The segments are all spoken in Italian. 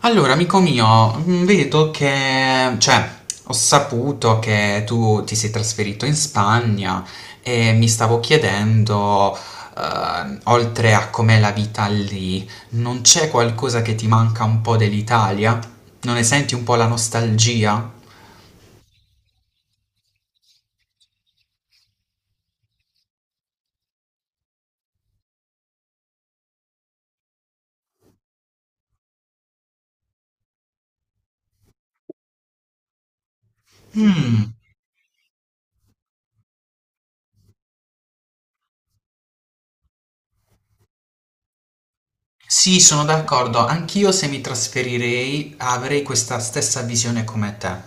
Allora, amico mio, vedo che, cioè, ho saputo che tu ti sei trasferito in Spagna e mi stavo chiedendo, oltre a com'è la vita lì, non c'è qualcosa che ti manca un po' dell'Italia? Non ne senti un po' la nostalgia? Mm, sì, sono d'accordo, anch'io se mi trasferirei avrei questa stessa visione come te.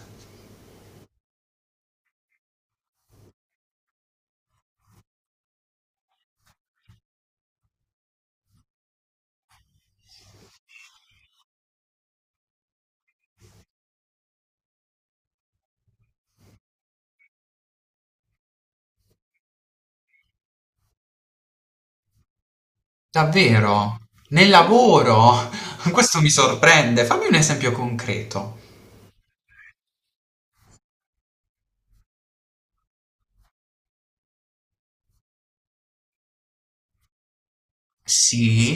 Davvero? Nel lavoro? Questo mi sorprende. Fammi un esempio concreto. Sì?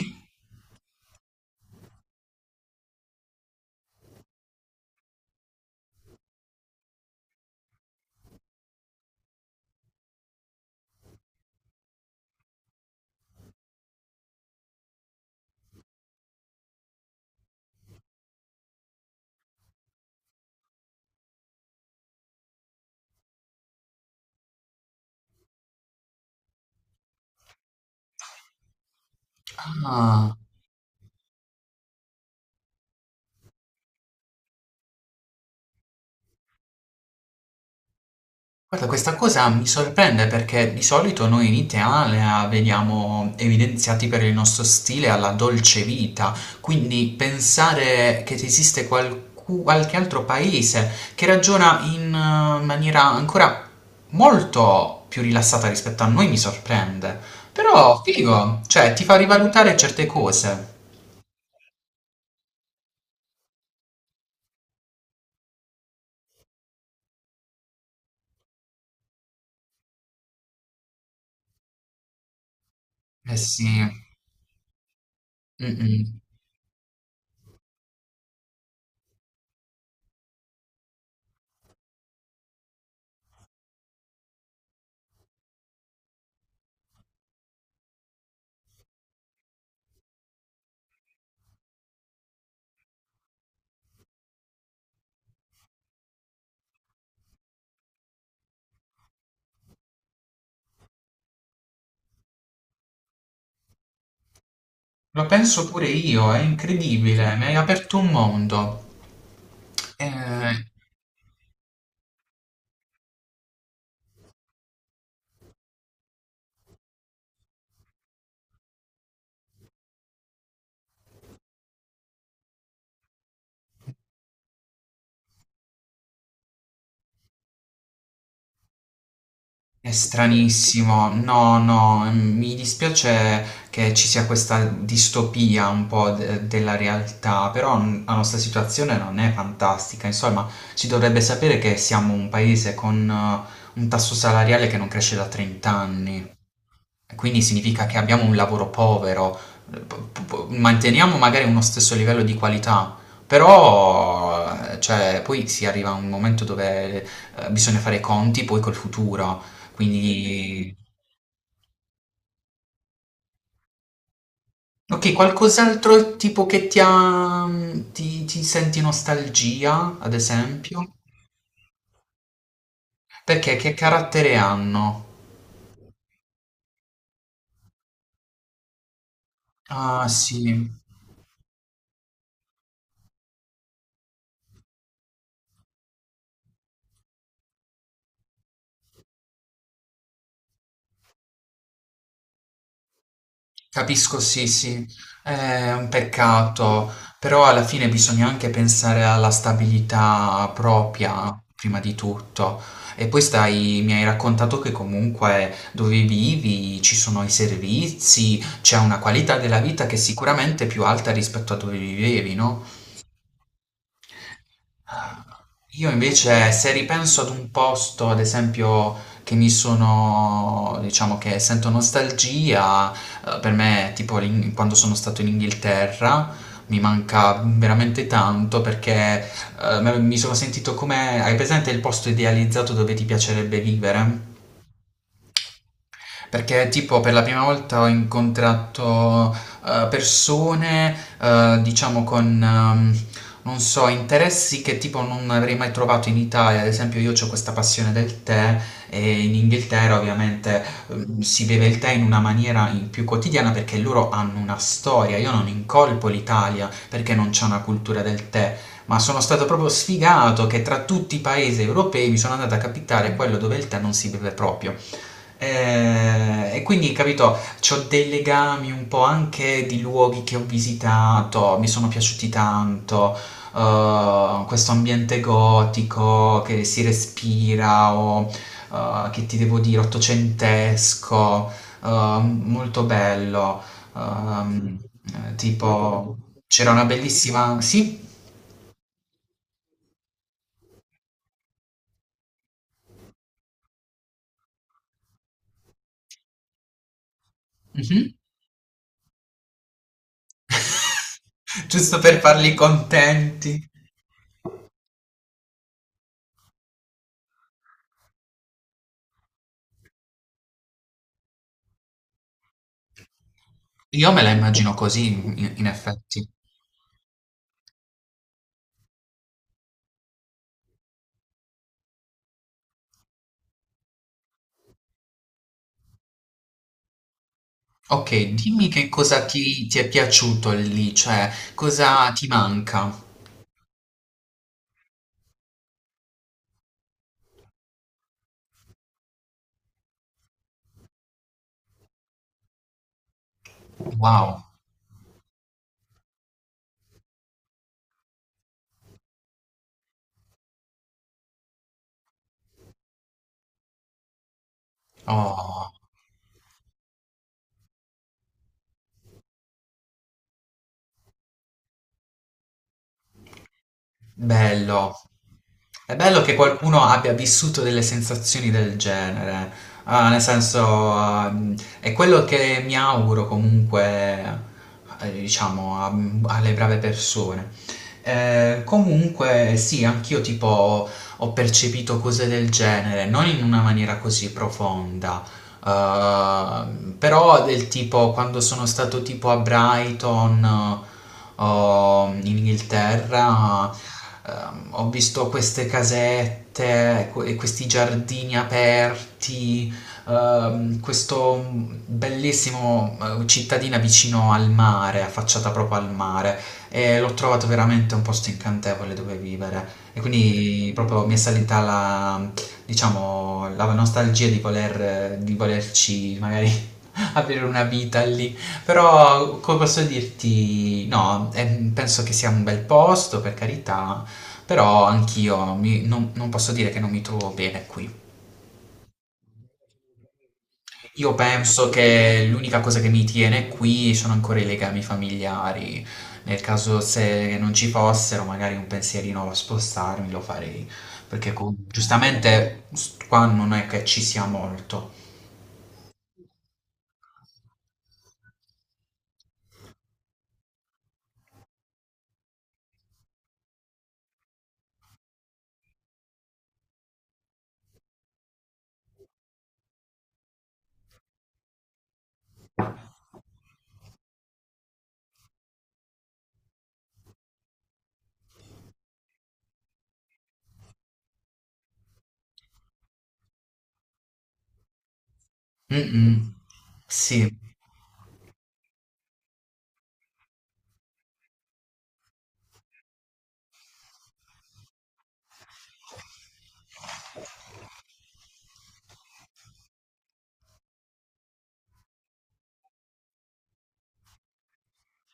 Ah. Guarda, questa cosa mi sorprende perché di solito noi in Italia veniamo evidenziati per il nostro stile alla dolce vita, quindi pensare che esiste qualche altro paese che ragiona in maniera ancora molto più rilassata rispetto a noi mi sorprende. Però, figo, cioè ti fa rivalutare certe cose. Eh sì, mm-mm. Lo penso pure io, è incredibile, mi hai aperto un mondo. Eh. È stranissimo, no, no, mi dispiace che ci sia questa distopia un po' della realtà, però la nostra situazione non è fantastica, insomma, si dovrebbe sapere che siamo un paese con un tasso salariale che non cresce da 30 anni. Quindi significa che abbiamo un lavoro povero, manteniamo magari uno stesso livello di qualità, però cioè, poi si arriva a un momento dove bisogna fare i conti poi col futuro, quindi. Ok, qualcos'altro tipo che ti senti nostalgia, ad esempio? Perché che carattere hanno? Ah, sì. Capisco, sì, sì, è un peccato, però alla fine bisogna anche pensare alla stabilità propria, prima di tutto. E poi mi hai raccontato che comunque dove vivi ci sono i servizi, c'è una qualità della vita che è sicuramente più alta rispetto a dove vivevi, no? Io invece, se ripenso ad un posto, ad esempio, che mi sono, diciamo che sento nostalgia, per me, tipo quando sono stato in Inghilterra, mi manca veramente tanto perché mi sono sentito come, hai presente il posto idealizzato dove ti piacerebbe vivere? Perché tipo per la prima volta ho incontrato persone, diciamo con, non so, interessi che tipo non avrei mai trovato in Italia. Ad esempio io ho questa passione del tè e in Inghilterra ovviamente si beve il tè in una maniera più quotidiana perché loro hanno una storia. Io non incolpo l'Italia perché non c'è una cultura del tè. Ma sono stato proprio sfigato che tra tutti i paesi europei mi sono andato a capitare quello dove il tè non si beve proprio. E quindi, capito, c'ho dei legami un po' anche di luoghi che ho visitato, mi sono piaciuti tanto, questo ambiente gotico che si respira o, che ti devo dire, ottocentesco, molto bello. Uhm, tipo c'era una bellissima sì, mh-mh, giusto per farli contenti. Io me la immagino così in effetti. Ok, dimmi che cosa ti è piaciuto lì, cioè cosa ti manca? Wow, oh, bello. È bello che qualcuno abbia vissuto delle sensazioni del genere. Ah, nel senso, ah, è quello che mi auguro comunque, diciamo, alle brave persone. Comunque, sì, anch'io tipo ho percepito cose del genere, non in una maniera così profonda. Però del tipo quando sono stato tipo a Brighton o in Inghilterra ho visto queste casette e questi giardini aperti, questo bellissimo cittadina vicino al mare affacciata proprio al mare, e l'ho trovato veramente un posto incantevole dove vivere e quindi proprio mi è salita la, diciamo, la nostalgia di volerci magari avere una vita lì. Però, come posso dirti, no, penso che sia un bel posto, per carità, però anch'io non posso dire che non mi trovo bene qui. Io penso che l'unica cosa che mi tiene qui sono ancora i legami familiari. Nel caso se non ci fossero, magari un pensierino a spostarmi lo farei, perché giustamente qua non è che ci sia molto. Mh-mh. Sì,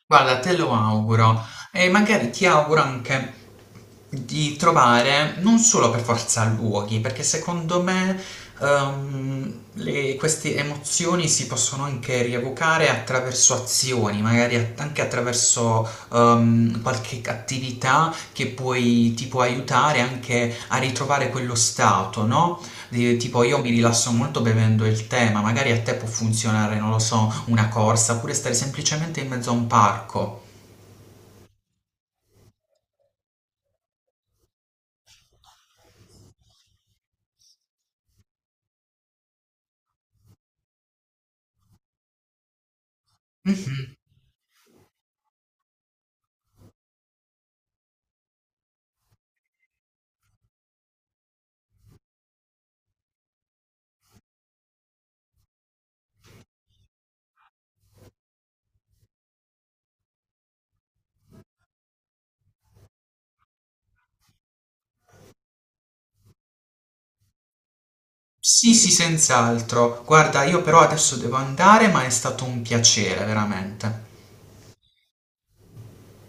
guarda, te lo auguro, e magari ti auguro anche di trovare non solo per forza luoghi, perché secondo me, le queste emozioni si possono anche rievocare attraverso azioni, magari at anche attraverso, qualche attività che puoi ti può aiutare anche a ritrovare quello stato, no? Tipo io mi rilasso molto bevendo il tè, ma magari a te può funzionare, non lo so, una corsa, oppure stare semplicemente in mezzo a un parco. Mhm. Sì, sì, senz'altro. Guarda, io però adesso devo andare, ma è stato un piacere, veramente.